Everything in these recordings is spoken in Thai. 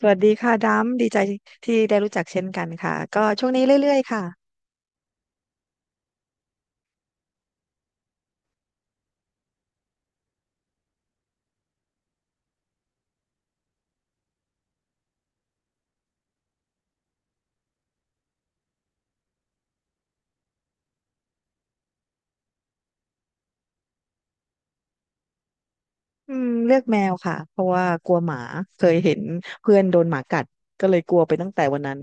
สวัสดีค่ะดัมดีใจที่ได้รู้จักเช่นกันค่ะก็ช่วงนี้เรื่อยๆค่ะอืมเลือกแมวค่ะเพราะว่ากลัวหมาเคยเห็นเพื่อนโดนหมากัดก็เลยกลัวไปตั้งแต่วันนั้น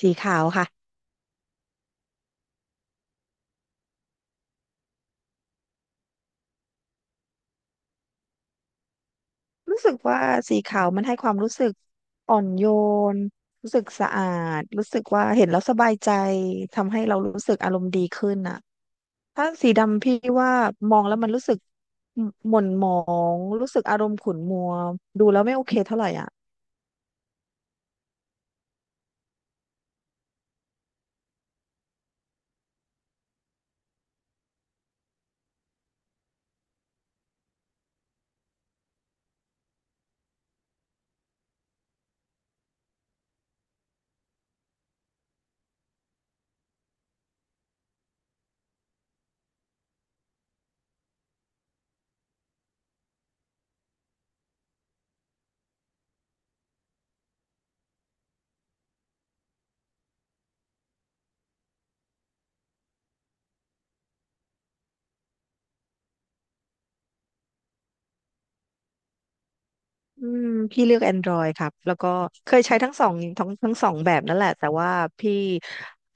สีขาวค่ะรู้สึกว่าสีขาวมันให้ความรู้สึกอ่อนโยนรู้สึกสะอาดรู้สึกว่าเห็นแล้วสบายใจทำให้เรารู้สึกอารมณ์ดีขึ้นน่ะถ้าสีดำพี่ว่ามองแล้วมันรู้สึกหม่นหมองรู้สึกอารมณ์ขุ่นมัวดูแล้วไม่โอเคเท่าไหร่อ่ะ อืมพี่เลือก Android ครับแล้วก็เคยใช้ทั้งสองทั้งสองแบบนั่นแหละแต่ว่าพี่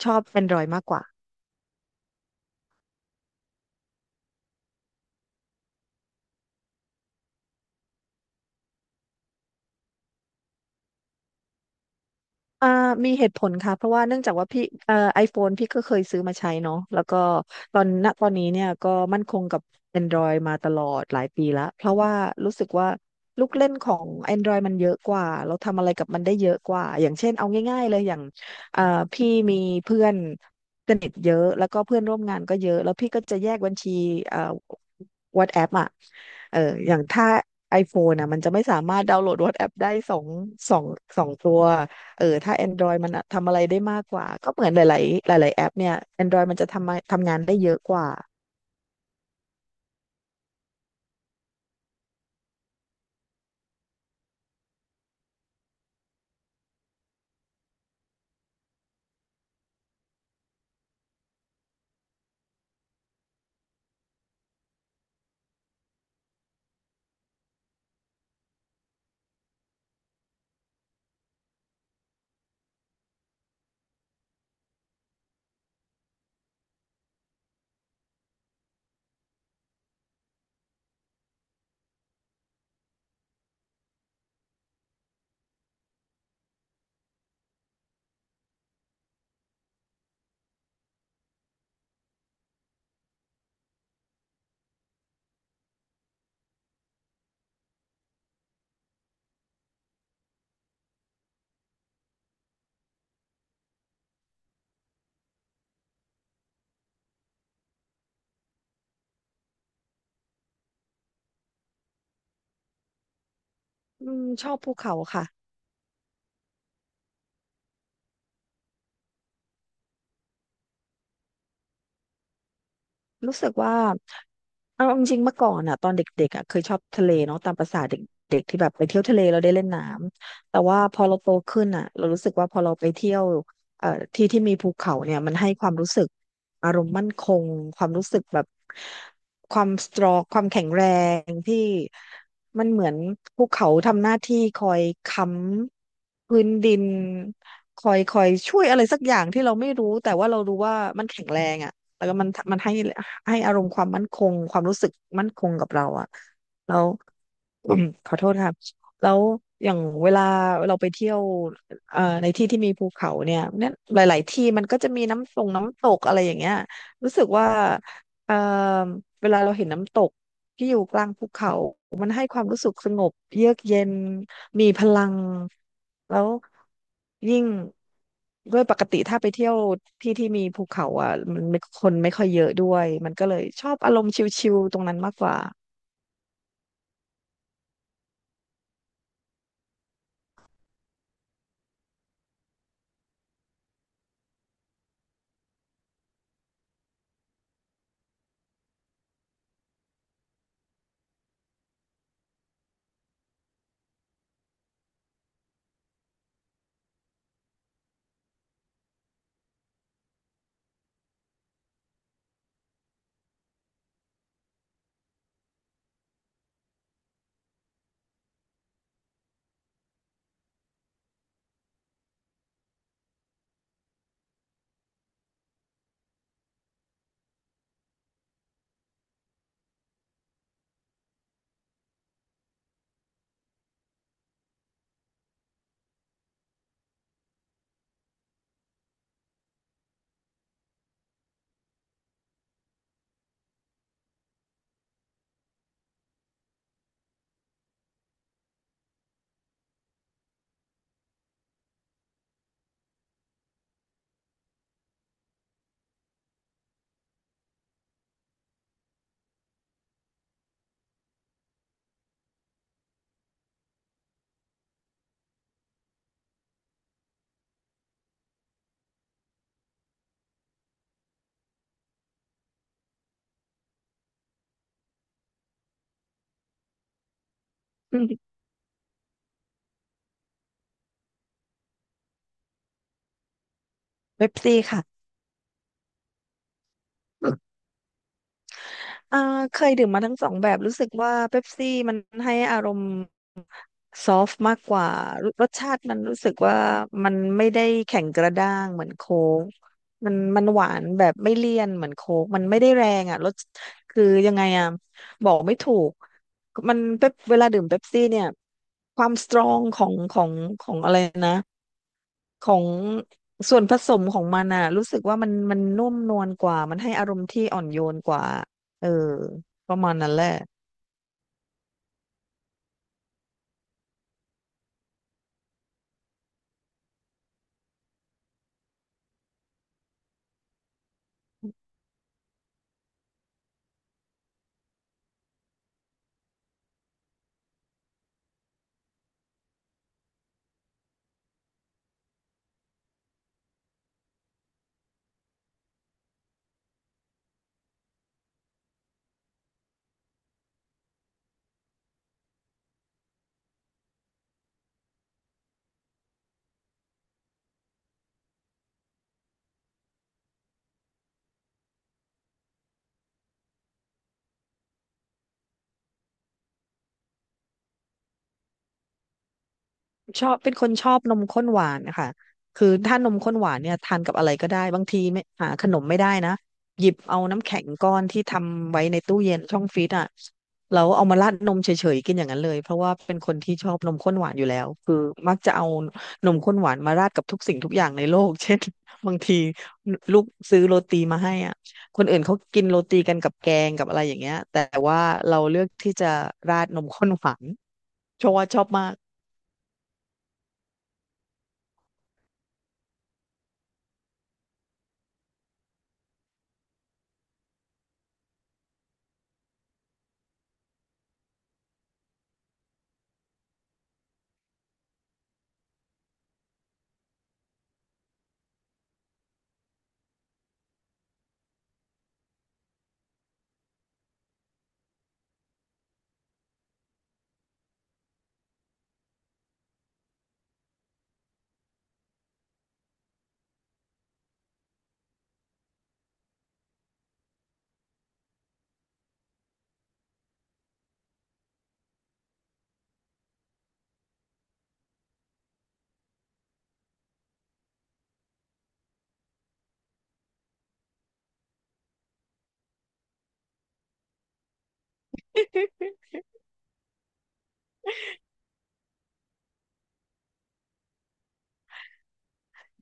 ชอบ Android มากกว่า อ่ามีเหตุผลค่ะเพราะว่าเนื่องจากว่าพี่ไอโฟนพี่ก็เคยซื้อมาใช้เนาะแล้วก็ตอนณตอนนี้เนี่ยก็มั่นคงกับ Android มาตลอดหลายปีละเพราะว่ารู้สึกว่าลูกเล่นของ Android มันเยอะกว่าเราทำอะไรกับมันได้เยอะกว่าอย่างเช่นเอาง่ายๆเลยอย่างเอ่อพี่มีเพื่อนสนิทเยอะแล้วก็เพื่อนร่วมงานก็เยอะแล้วพี่ก็จะแยกบัญชีเอ่อ WhatsApp อ่ะเอออย่างถ้า iPhone นะมันจะไม่สามารถดาวน์โหลด WhatsApp ได้สองสองสองตัว เออถ้า Android มันทำอะไรได้มากกว่าก็เหมือนหลายๆหลายๆแอปเนี่ย Android มันจะทำมาทำงานได้เยอะกว่าอืมชอบภูเขาค่ะ รู้สึกว่าเอาจริงๆเมื่อก่อนอ่ะตอนเด็กๆอ่ะเคยชอบทะเลเนาะตามประสาเด็กๆที่แบบไปเที่ยวทะเลเราได้เล่นน้ำแต่ว่าพอเราโตขึ้นอ่ะเรารู้สึกว่าพอเราไปเที่ยวเอ่อที่ที่มีภูเขาเนี่ยมันให้ความรู้สึกอารมณ์มั่นคงความรู้สึกแบบความสตรองความแข็งแรงที่มันเหมือนภูเขาทำหน้าที่คอยค้ำพื้นดินคอยช่วยอะไรสักอย่างที่เราไม่รู้แต่ว่าเรารู้ว่ามันแข็งแรงอ่ะแล้วก็มันให้ ให้อารมณ์ความมั่นคงความรู้สึกมั่นคงกับเราอะแล้ว อืมขอโทษค่ะแล้วอย่างเวลาเราไปเที่ยวในที่ที่มีภูเขาเนี่ยหลายๆที่มันก็จะมีน้ำตกอะไรอย่างเงี้ยรู้สึกว่าเอ่อเวลาเราเห็นน้ำตกที่อยู่กลางภูเขามันให้ความรู้สึกสงบเยือกเย็นมีพลังแล้วยิ่งด้วยปกติถ้าไปเที่ยวที่ที่มีภูเขาอ่ะมันไม่คนไม่ค่อยเยอะด้วยมันก็เลยชอบอารมณ์ชิลๆตรงนั้นมากกว่า อืมเว็บซี่ค่ะ อ่าเคยดื่มมาทั้งสองแบบรู้สึกว่าเป๊ปซี่มันให้อารมณ์ซอฟต์มากกว่ารรสชาติมันรู้สึกว่ามันไม่ได้แข็งกระด้างเหมือนโค้กมันหวานแบบไม่เลี่ยนเหมือนโค้กมันไม่ได้แรงอ่ะรสคือยังไงอ่ะบอกไม่ถูกมันเป๊ปเวลาดื่มเป๊ปซี่เนี่ยความสตรองของของอะไรนะ ของส่วนผสมของมันอ่ะรู้สึกว่ามันนุ่มนวลกว่ามันให้อารมณ์ที่อ่อนโยนกว่าเออประมาณนั้นแหละ ชอบเป็นคนชอบนมข้นหวานนะคะคือถ้านมข้นหวานเนี่ยทานกับอะไรก็ได้บางทีไม่หาขนมไม่ได้นะหยิบเอาน้ำแข็งก้อนที่ทำไว้ในตู้เย็นช่องฟรีซอ่ะแล้วเอามาราดนมเฉยๆกินอย่างนั้นเลยเพราะว่าเป็นคนที่ชอบนมข้นหวานอยู่แล้วคือมักจะเอานมข้นหวานมาราดกับทุกสิ่งทุกอย่างในโลก เช่นบางทีลูกซื้อโรตีมาให้อ่ะคนอื่นเขากินโรตีกันกับแกงกับอะไรอย่างเงี้ยแต่ว่าเราเลือกที่จะราดนมข้นหวานเพราะว่าชอบมาก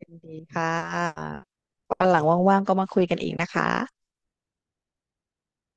ยินดีค่ะวันหลังว่างๆก็มาคุยกันอีกนะคะ